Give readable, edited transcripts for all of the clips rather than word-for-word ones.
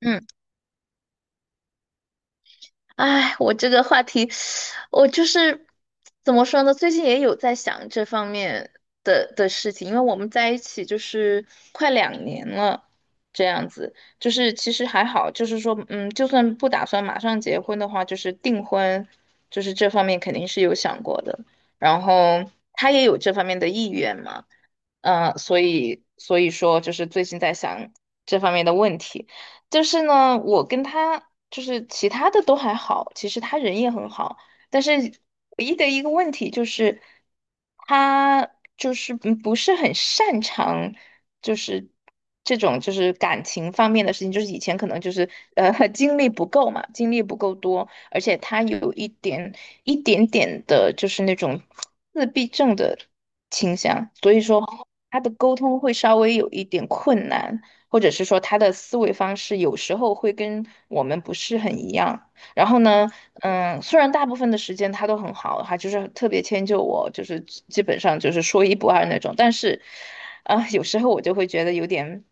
嗯，哎，我这个话题，我就是怎么说呢？最近也有在想这方面的事情，因为我们在一起就是快2年了，这样子，就是其实还好，就是说，就算不打算马上结婚的话，就是订婚，就是这方面肯定是有想过的。然后他也有这方面的意愿嘛，所以说就是最近在想这方面的问题，就是呢，我跟他就是其他的都还好，其实他人也很好，但是唯一的一个问题就是他就是不是很擅长就是这种就是感情方面的事情，就是以前可能就是经历不够嘛，经历不够多，而且他有一点点的就是那种自闭症的倾向，所以说。他的沟通会稍微有一点困难，或者是说他的思维方式有时候会跟我们不是很一样。然后呢，虽然大部分的时间他都很好，他就是特别迁就我，就是基本上就是说一不二那种。但是，啊、有时候我就会觉得有点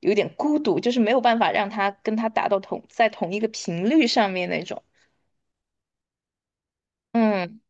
孤独，就是没有办法让他跟他达到同在同一个频率上面那种。嗯。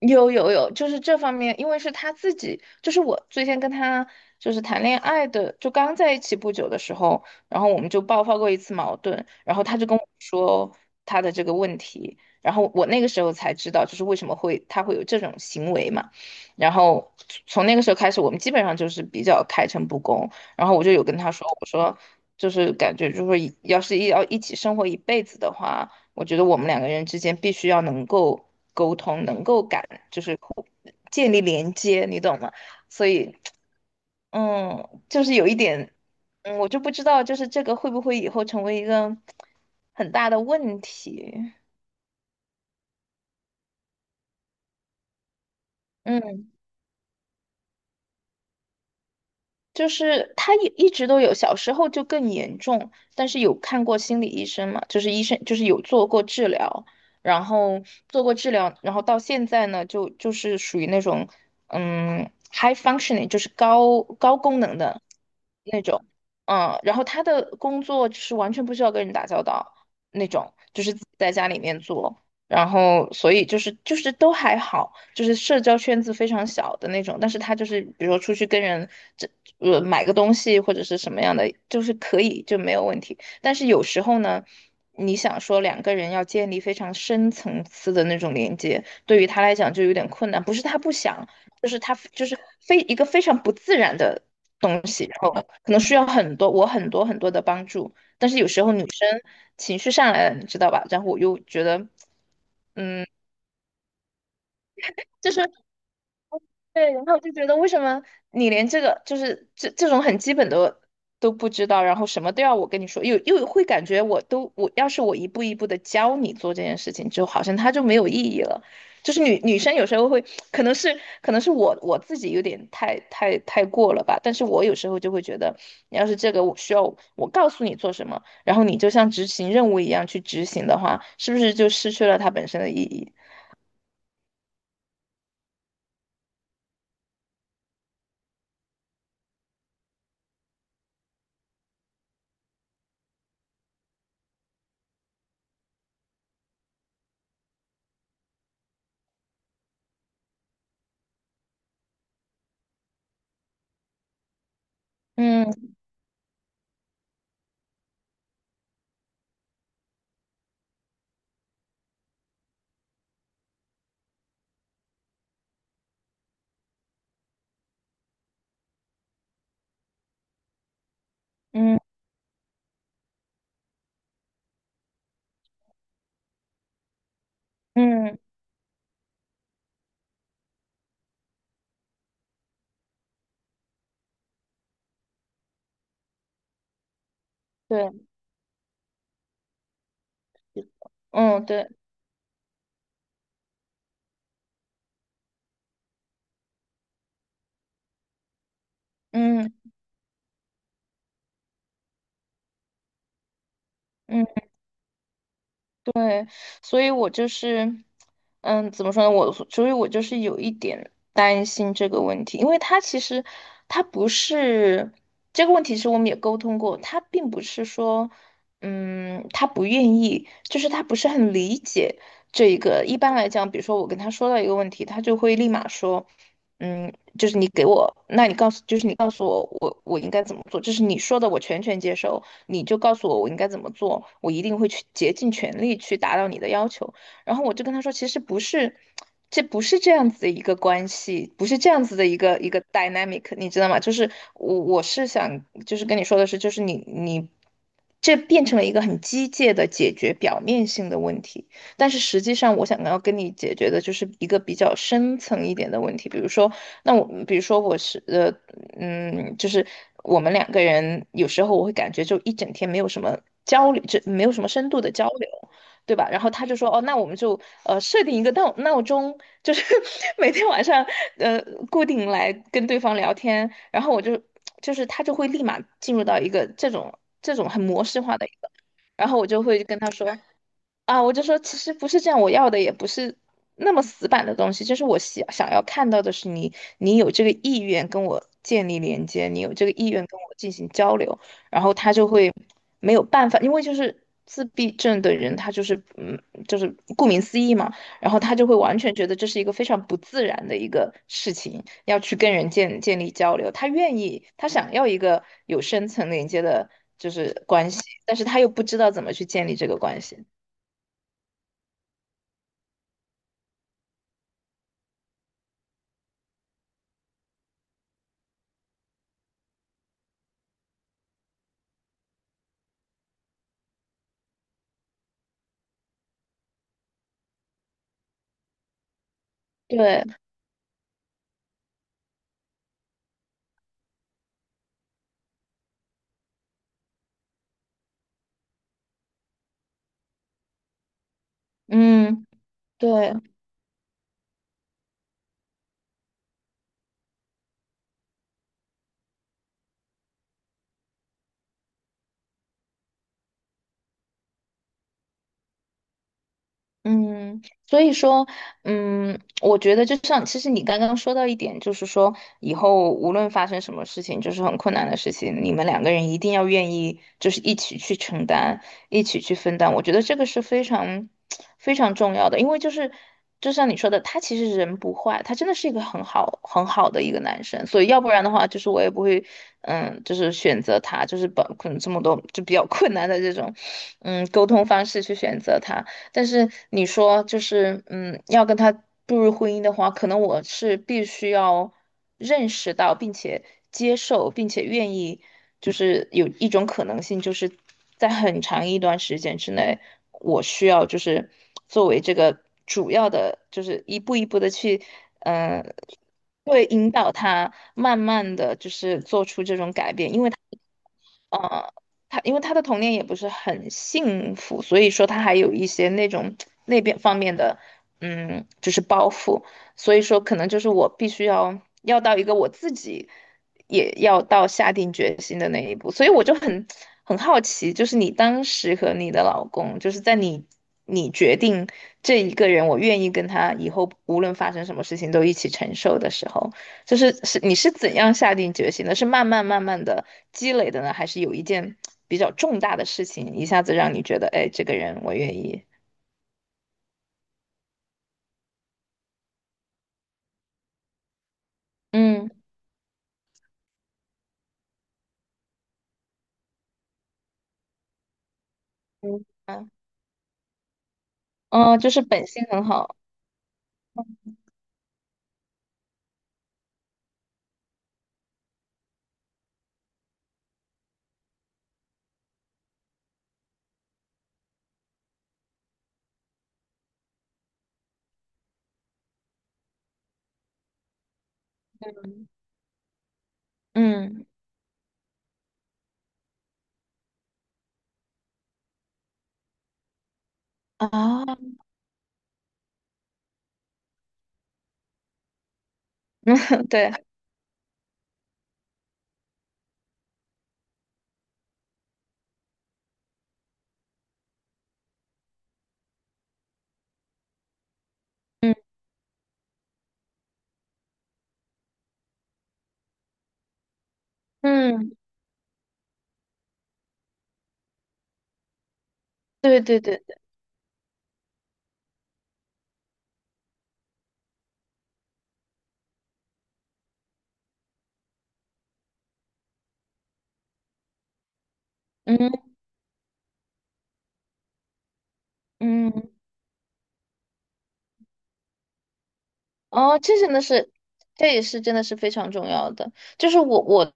有有有，就是这方面，因为是他自己，就是我最先跟他就是谈恋爱的，就刚在一起不久的时候，然后我们就爆发过一次矛盾，然后他就跟我说他的这个问题，然后我那个时候才知道，就是为什么他会有这种行为嘛，然后从那个时候开始，我们基本上就是比较开诚布公，然后我就有跟他说，我说就是感觉就是要是要一起生活一辈子的话。我觉得我们两个人之间必须要能够沟通，能够感，就是互建立连接，你懂吗？所以，就是有一点，我就不知道，就是这个会不会以后成为一个很大的问题？嗯就是他也一直都有，小时候就更严重，但是有看过心理医生嘛，就是医生就是有做过治疗，然后做过治疗，然后到现在呢，就是属于那种high functioning，就是高功能的那种，然后他的工作就是完全不需要跟人打交道那种，就是自己在家里面做。然后所以就是都还好，就是社交圈子非常小的那种，但是他就是比如说出去跟人这买个东西或者是什么样的，就是可以就没有问题。但是有时候呢，你想说两个人要建立非常深层次的那种连接，对于他来讲就有点困难，不是他不想，就是他就是非一个非常不自然的。东西，然后可能需要我很多很多的帮助，但是有时候女生情绪上来了，你知道吧？然后我又觉得嗯，就是对，然后就觉得为什么你连这个就是这种很基本的都不知道，然后什么都要我跟你说，又会感觉我都我要是一步一步的教你做这件事情，就好像它就没有意义了。就是女生有时候会，可能是我自己有点太过了吧，但是我有时候就会觉得，你要是这个我需要我告诉你做什么，然后你就像执行任务一样去执行的话，是不是就失去了它本身的意义？嗯嗯嗯，对。嗯，对，嗯嗯，对，所以我就是，怎么说呢？所以，我就是有一点担心这个问题，因为他其实他不是这个问题，是我们也沟通过，他并不是说，他不愿意，就是他不是很理解这一个。一般来讲，比如说我跟他说到一个问题，他就会立马说，嗯，就是你给我，那你告诉，就是你告诉我，我应该怎么做，就是你说的，我全权接受。你就告诉我我应该怎么做，我一定会去竭尽全力去达到你的要求。然后我就跟他说，其实不是，这不是这样子的一个关系，不是这样子的一个dynamic，你知道吗？就是我是想，就是跟你说的是，就是你这变成了一个很机械的解决表面性的问题，但是实际上我想要跟你解决的就是一个比较深层一点的问题，比如说，那我比如说我是。就是我们两个人有时候我会感觉就一整天没有什么交流，就没有什么深度的交流，对吧？然后他就说，哦，那我们就设定一个闹钟，就是 每天晚上呃固定来跟对方聊天，然后就是他就会立马进入到一个这种很模式化的一个，然后我就会跟他说，啊，我就说其实不是这样，我要的也不是那么死板的东西，就是我想要看到的是你，你有这个意愿跟我建立连接，你有这个意愿跟我进行交流，然后他就会没有办法，因为就是自闭症的人，他就是就是顾名思义嘛，然后他就会完全觉得这是一个非常不自然的一个事情，要去跟人建立交流，他愿意，他想要一个有深层连接的，就是关系，但是他又不知道怎么去建立这个关系。对，嗯，对，嗯，所以说，我觉得就像，其实你刚刚说到一点，就是说以后无论发生什么事情，就是很困难的事情，你们两个人一定要愿意，就是一起去承担，一起去分担。我觉得这个是非常 非常重要的，因为就是就像你说的，他其实人不坏，他真的是一个很好很好的一个男生，所以要不然的话，就是我也不会，就是选择他，就是把可能这么多就比较困难的这种，沟通方式去选择他。但是你说就是，要跟他步入婚姻的话，可能我是必须要认识到，并且接受，并且愿意，就是有一种可能性，就是在很长一段时间之内，我需要就是作为这个主要的，就是一步一步的去，嗯，会引导他慢慢的就是做出这种改变，因为他。呃，他因为他的童年也不是很幸福，所以说他还有一些那种那边方面的，就是包袱，所以说可能就是我必须要到一个我自己也要到下定决心的那一步，所以我就很好奇，就是你当时和你的老公，就是在你决定这一个人，我愿意跟他以后无论发生什么事情都一起承受的时候。就是你是怎样下定决心的？是慢慢慢慢的积累的呢，还是有一件比较重大的事情一下子让你觉得，哎，这个人我愿意？嗯嗯嗯，哦，就是本性很好。嗯啊，对，嗯嗯，对对对对，嗯嗯，哦，这真的是，这也是真的是非常重要的。就是我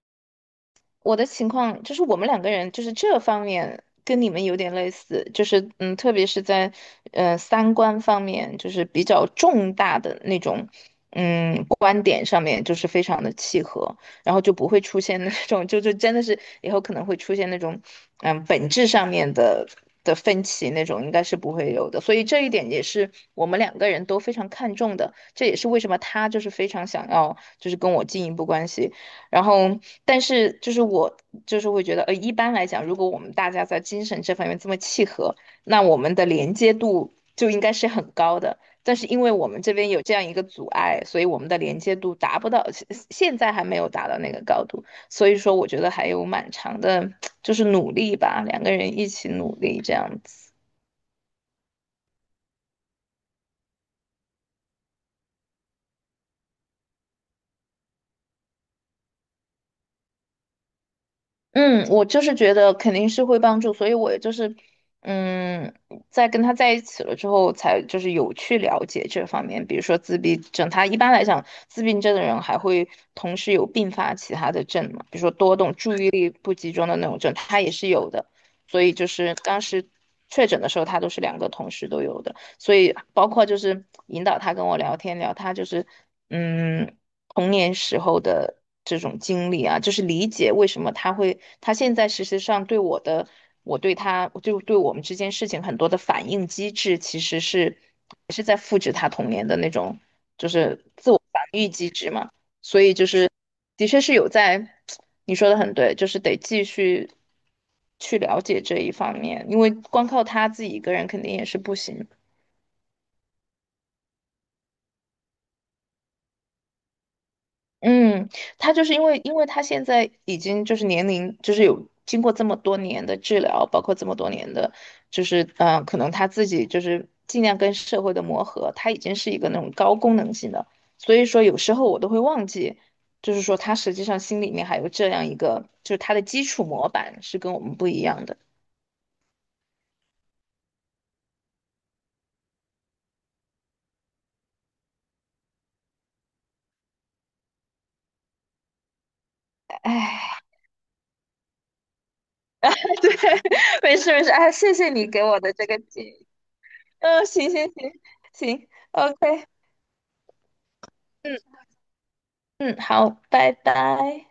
我的情况就是我们两个人就是这方面跟你们有点类似，就是嗯，特别是在三观方面，就是比较重大的那种嗯观点上面，就是非常的契合，然后就不会出现那种就真的是以后可能会出现那种嗯本质上面的分歧那种，应该是不会有的。所以这一点也是我们两个人都非常看重的，这也是为什么他就是非常想要就是跟我进一步关系。然后，但是就是我就是会觉得，呃，一般来讲，如果我们大家在精神这方面这么契合，那我们的连接度就应该是很高的。但是因为我们这边有这样一个阻碍，所以我们的连接度达不到，现在还没有达到那个高度。所以说，我觉得还有蛮长的，就是努力吧，两个人一起努力这样子。嗯，我就是觉得肯定是会帮助，所以我也就是，嗯，在跟他在一起了之后，才就是有去了解这方面，比如说自闭症，他一般来讲，自闭症的人还会同时有并发其他的症嘛，比如说多动、注意力不集中的那种症，他也是有的，所以就是当时确诊的时候，他都是两个同时都有的，所以包括就是引导他跟我聊天，聊他就是。嗯，童年时候的这种经历啊，就是理解为什么他会，他现在事实上对我的，我对他，就对我们之间事情很多的反应机制，其实是也是在复制他童年的那种，就是自我防御机制嘛。所以就是，的确是有在，你说的很对，就是得继续去了解这一方面，因为光靠他自己一个人肯定也是不行。嗯，他就是因为，因为他现在已经就是年龄，就是有经过这么多年的治疗，包括这么多年的，就是可能他自己就是尽量跟社会的磨合，他已经是一个那种高功能性的，所以说有时候我都会忘记，就是说他实际上心里面还有这样一个，就是他的基础模板是跟我们不一样的。哎，对，没事没事，哎，谢谢你给我的这个建议。嗯，行行行行，OK,嗯，好，拜拜。